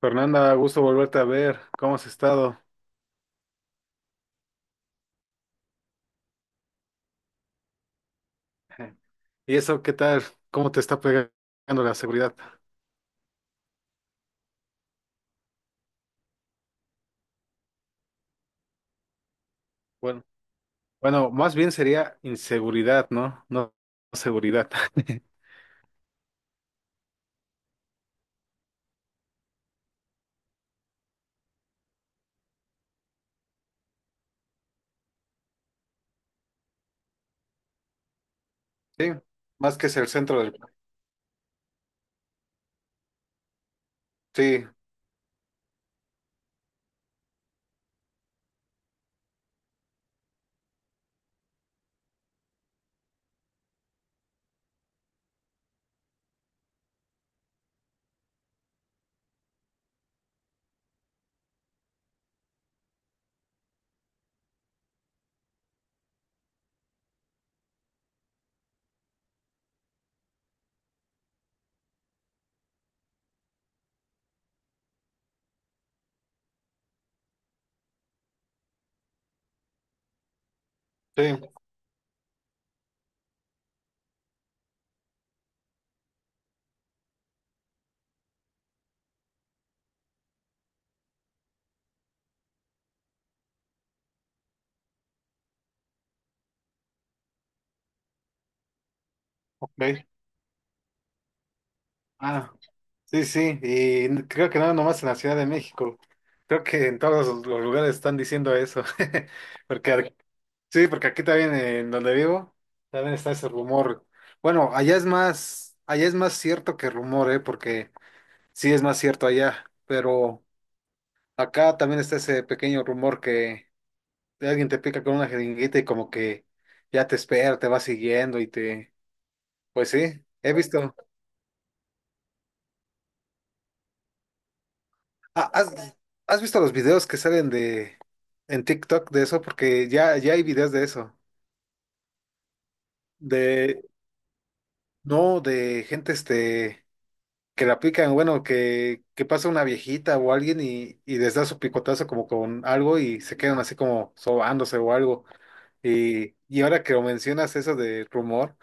Fernanda, gusto volverte a ver. ¿Cómo has estado? ¿Y eso qué tal? ¿Cómo te está pegando la seguridad? Bueno, bueno, más bien sería inseguridad, ¿no? No seguridad. Sí, más que es el centro del... Sí, sí, ok. Ah, sí, sí, y creo que no nomás en la Ciudad de México. Creo que en todos los lugares están diciendo eso, porque sí, porque aquí también en donde vivo, también está ese rumor. Bueno, allá es más cierto que rumor, ¿eh? Porque sí es más cierto allá, pero acá también está ese pequeño rumor que alguien te pica con una jeringuita y como que ya te espera, te va siguiendo y te... Pues sí, he visto. Ah, ¿has visto los videos que salen de en TikTok de eso? Porque ya hay videos de eso. De, no, de gente que la aplican, bueno, que pasa una viejita o alguien y les da su picotazo como con algo y se quedan así como sobándose o algo. Y ahora que lo mencionas eso de rumor,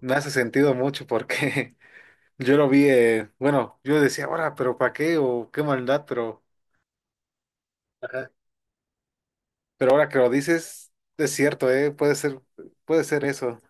me hace sentido mucho porque yo lo vi, bueno, yo decía, ahora, pero ¿para qué? O qué maldad, pero ajá. Pero ahora que lo dices, es cierto, puede ser eso.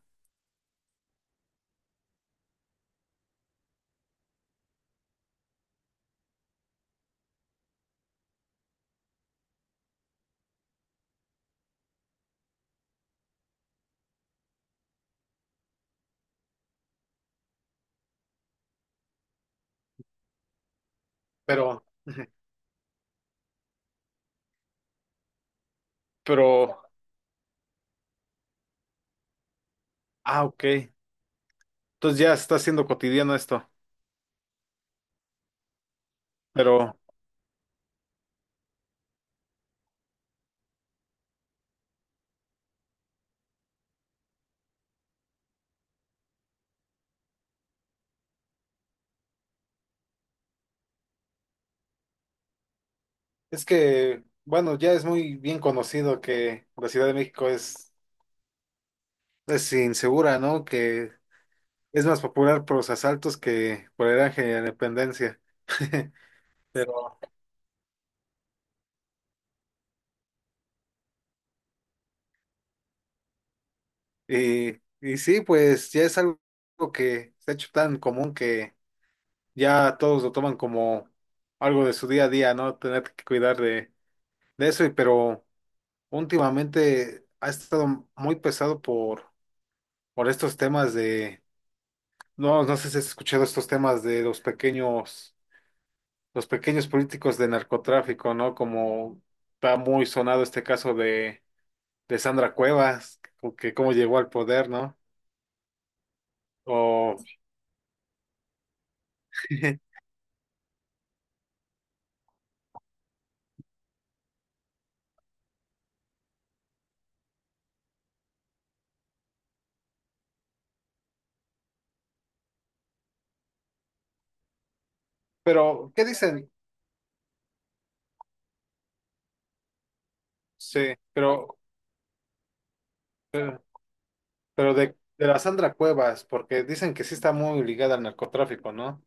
Pero pero, ah, ok. Entonces ya está siendo cotidiano esto, pero. Es que, bueno, ya es muy bien conocido que la Ciudad de México es insegura, ¿no? Que es más popular por los asaltos que por el Ángel de la Independencia. Pero, y sí, pues ya es algo que se ha hecho tan común que ya todos lo toman como algo de su día a día, ¿no? Tener que cuidar de eso, y pero últimamente ha estado muy pesado por estos temas de no, no sé si has escuchado estos temas de los pequeños políticos de narcotráfico, ¿no? Como está muy sonado este caso de Sandra Cuevas, que cómo llegó al poder, ¿no? O pero, ¿qué dicen? Sí, pero de la Sandra Cuevas, porque dicen que sí está muy ligada al narcotráfico, ¿no?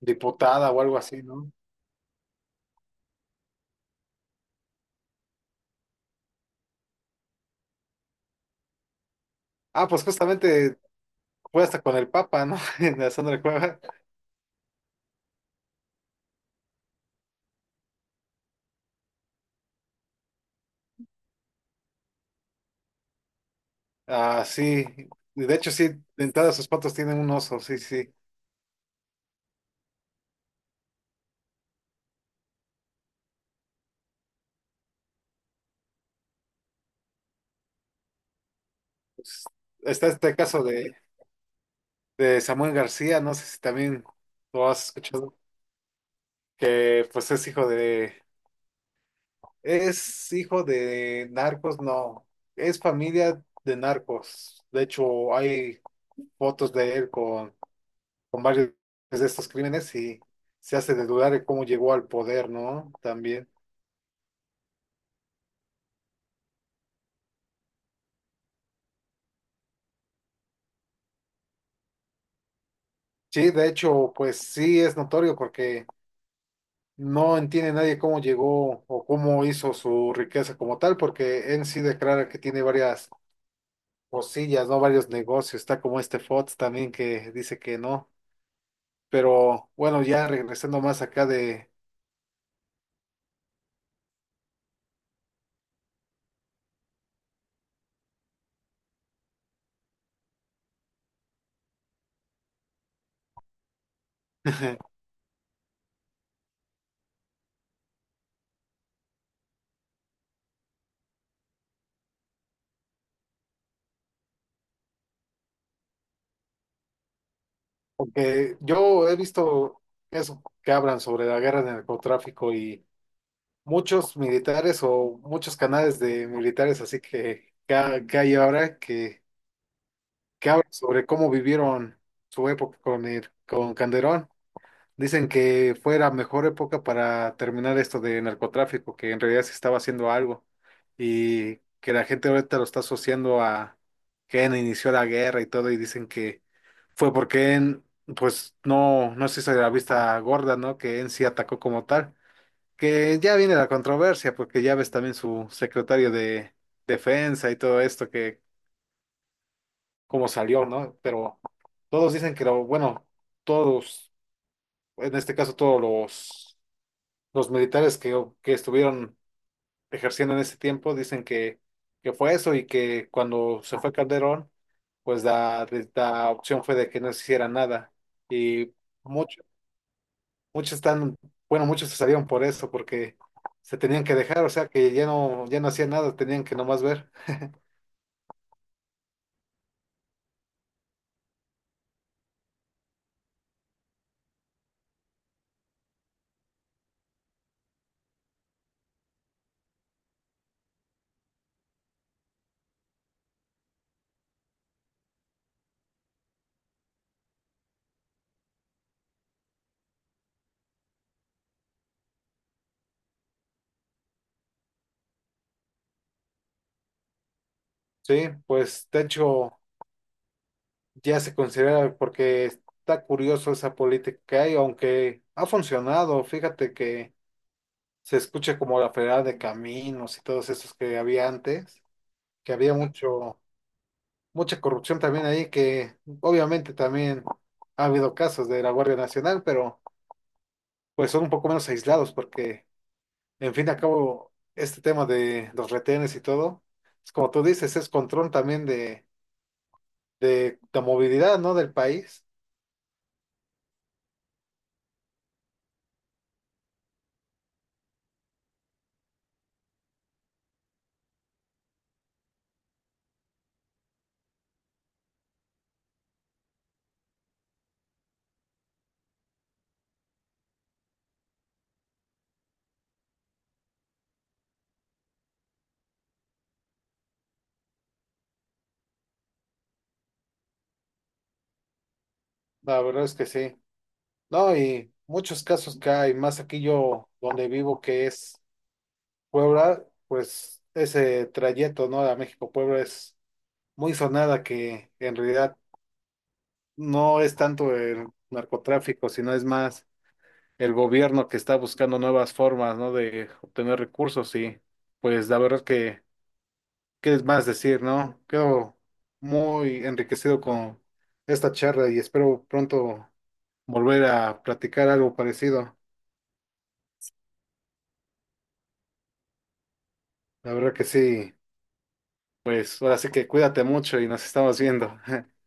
Diputada o algo así, ¿no? Ah, pues justamente fue hasta con el Papa, ¿no? La Sandra Cuevas. Ah, sí. Y de hecho, sí, dentadas sus patas tienen un oso, sí, sí. Pues está este caso de Samuel García, no sé si también lo has escuchado, que pues es hijo de narcos, no, es familia de narcos. De hecho, hay fotos de él con varios de estos crímenes y se hace de dudar de cómo llegó al poder, ¿no? También. Sí, de hecho, pues sí es notorio porque no entiende nadie cómo llegó o cómo hizo su riqueza como tal, porque en sí declara que tiene varias cosillas, ¿no? Varios negocios. Está como este Fox también que dice que no. Pero bueno, ya regresando más acá de... Porque yo he visto eso que hablan sobre la guerra del narcotráfico y muchos militares o muchos canales de militares así que, que hay ahora que hablan sobre cómo vivieron su época con el, con Calderón. Dicen que fue la mejor época para terminar esto de narcotráfico, que en realidad se estaba haciendo algo y que la gente ahorita lo está asociando a que inició la guerra y todo y dicen que fue porque en, pues no, no se hizo de la vista gorda, ¿no? Que en sí atacó como tal. Que ya viene la controversia porque ya ves también su secretario de defensa y todo esto que cómo salió, ¿no? Pero todos dicen que lo, bueno, todos, en este caso todos los militares que estuvieron ejerciendo en ese tiempo dicen que fue eso y que cuando se fue Calderón, pues la opción fue de que no se hiciera nada. Y muchos, muchos están, bueno, muchos se salieron por eso, porque se tenían que dejar, o sea que ya no, ya no hacían nada, tenían que nomás ver. Sí, pues de hecho ya se considera porque está curioso esa política que hay, aunque ha funcionado, fíjate que se escuche como la Federal de Caminos y todos esos que había antes, que había mucha corrupción también ahí, que obviamente también ha habido casos de la Guardia Nacional, pero pues son un poco menos aislados porque, en fin y al cabo, este tema de los retenes y todo, es como tú dices, es control también de la movilidad, ¿no? Del país. La verdad es que sí. No, y muchos casos que hay, más aquí yo donde vivo, que es Puebla, pues ese trayecto, ¿no? A México-Puebla es muy sonada que en realidad no es tanto el narcotráfico, sino es más el gobierno que está buscando nuevas formas, ¿no? De obtener recursos y pues la verdad que, ¿qué es más decir, ¿no? Quedo muy enriquecido con esta charla y espero pronto volver a platicar algo parecido. La verdad que sí, pues ahora sí que cuídate mucho y nos estamos viendo.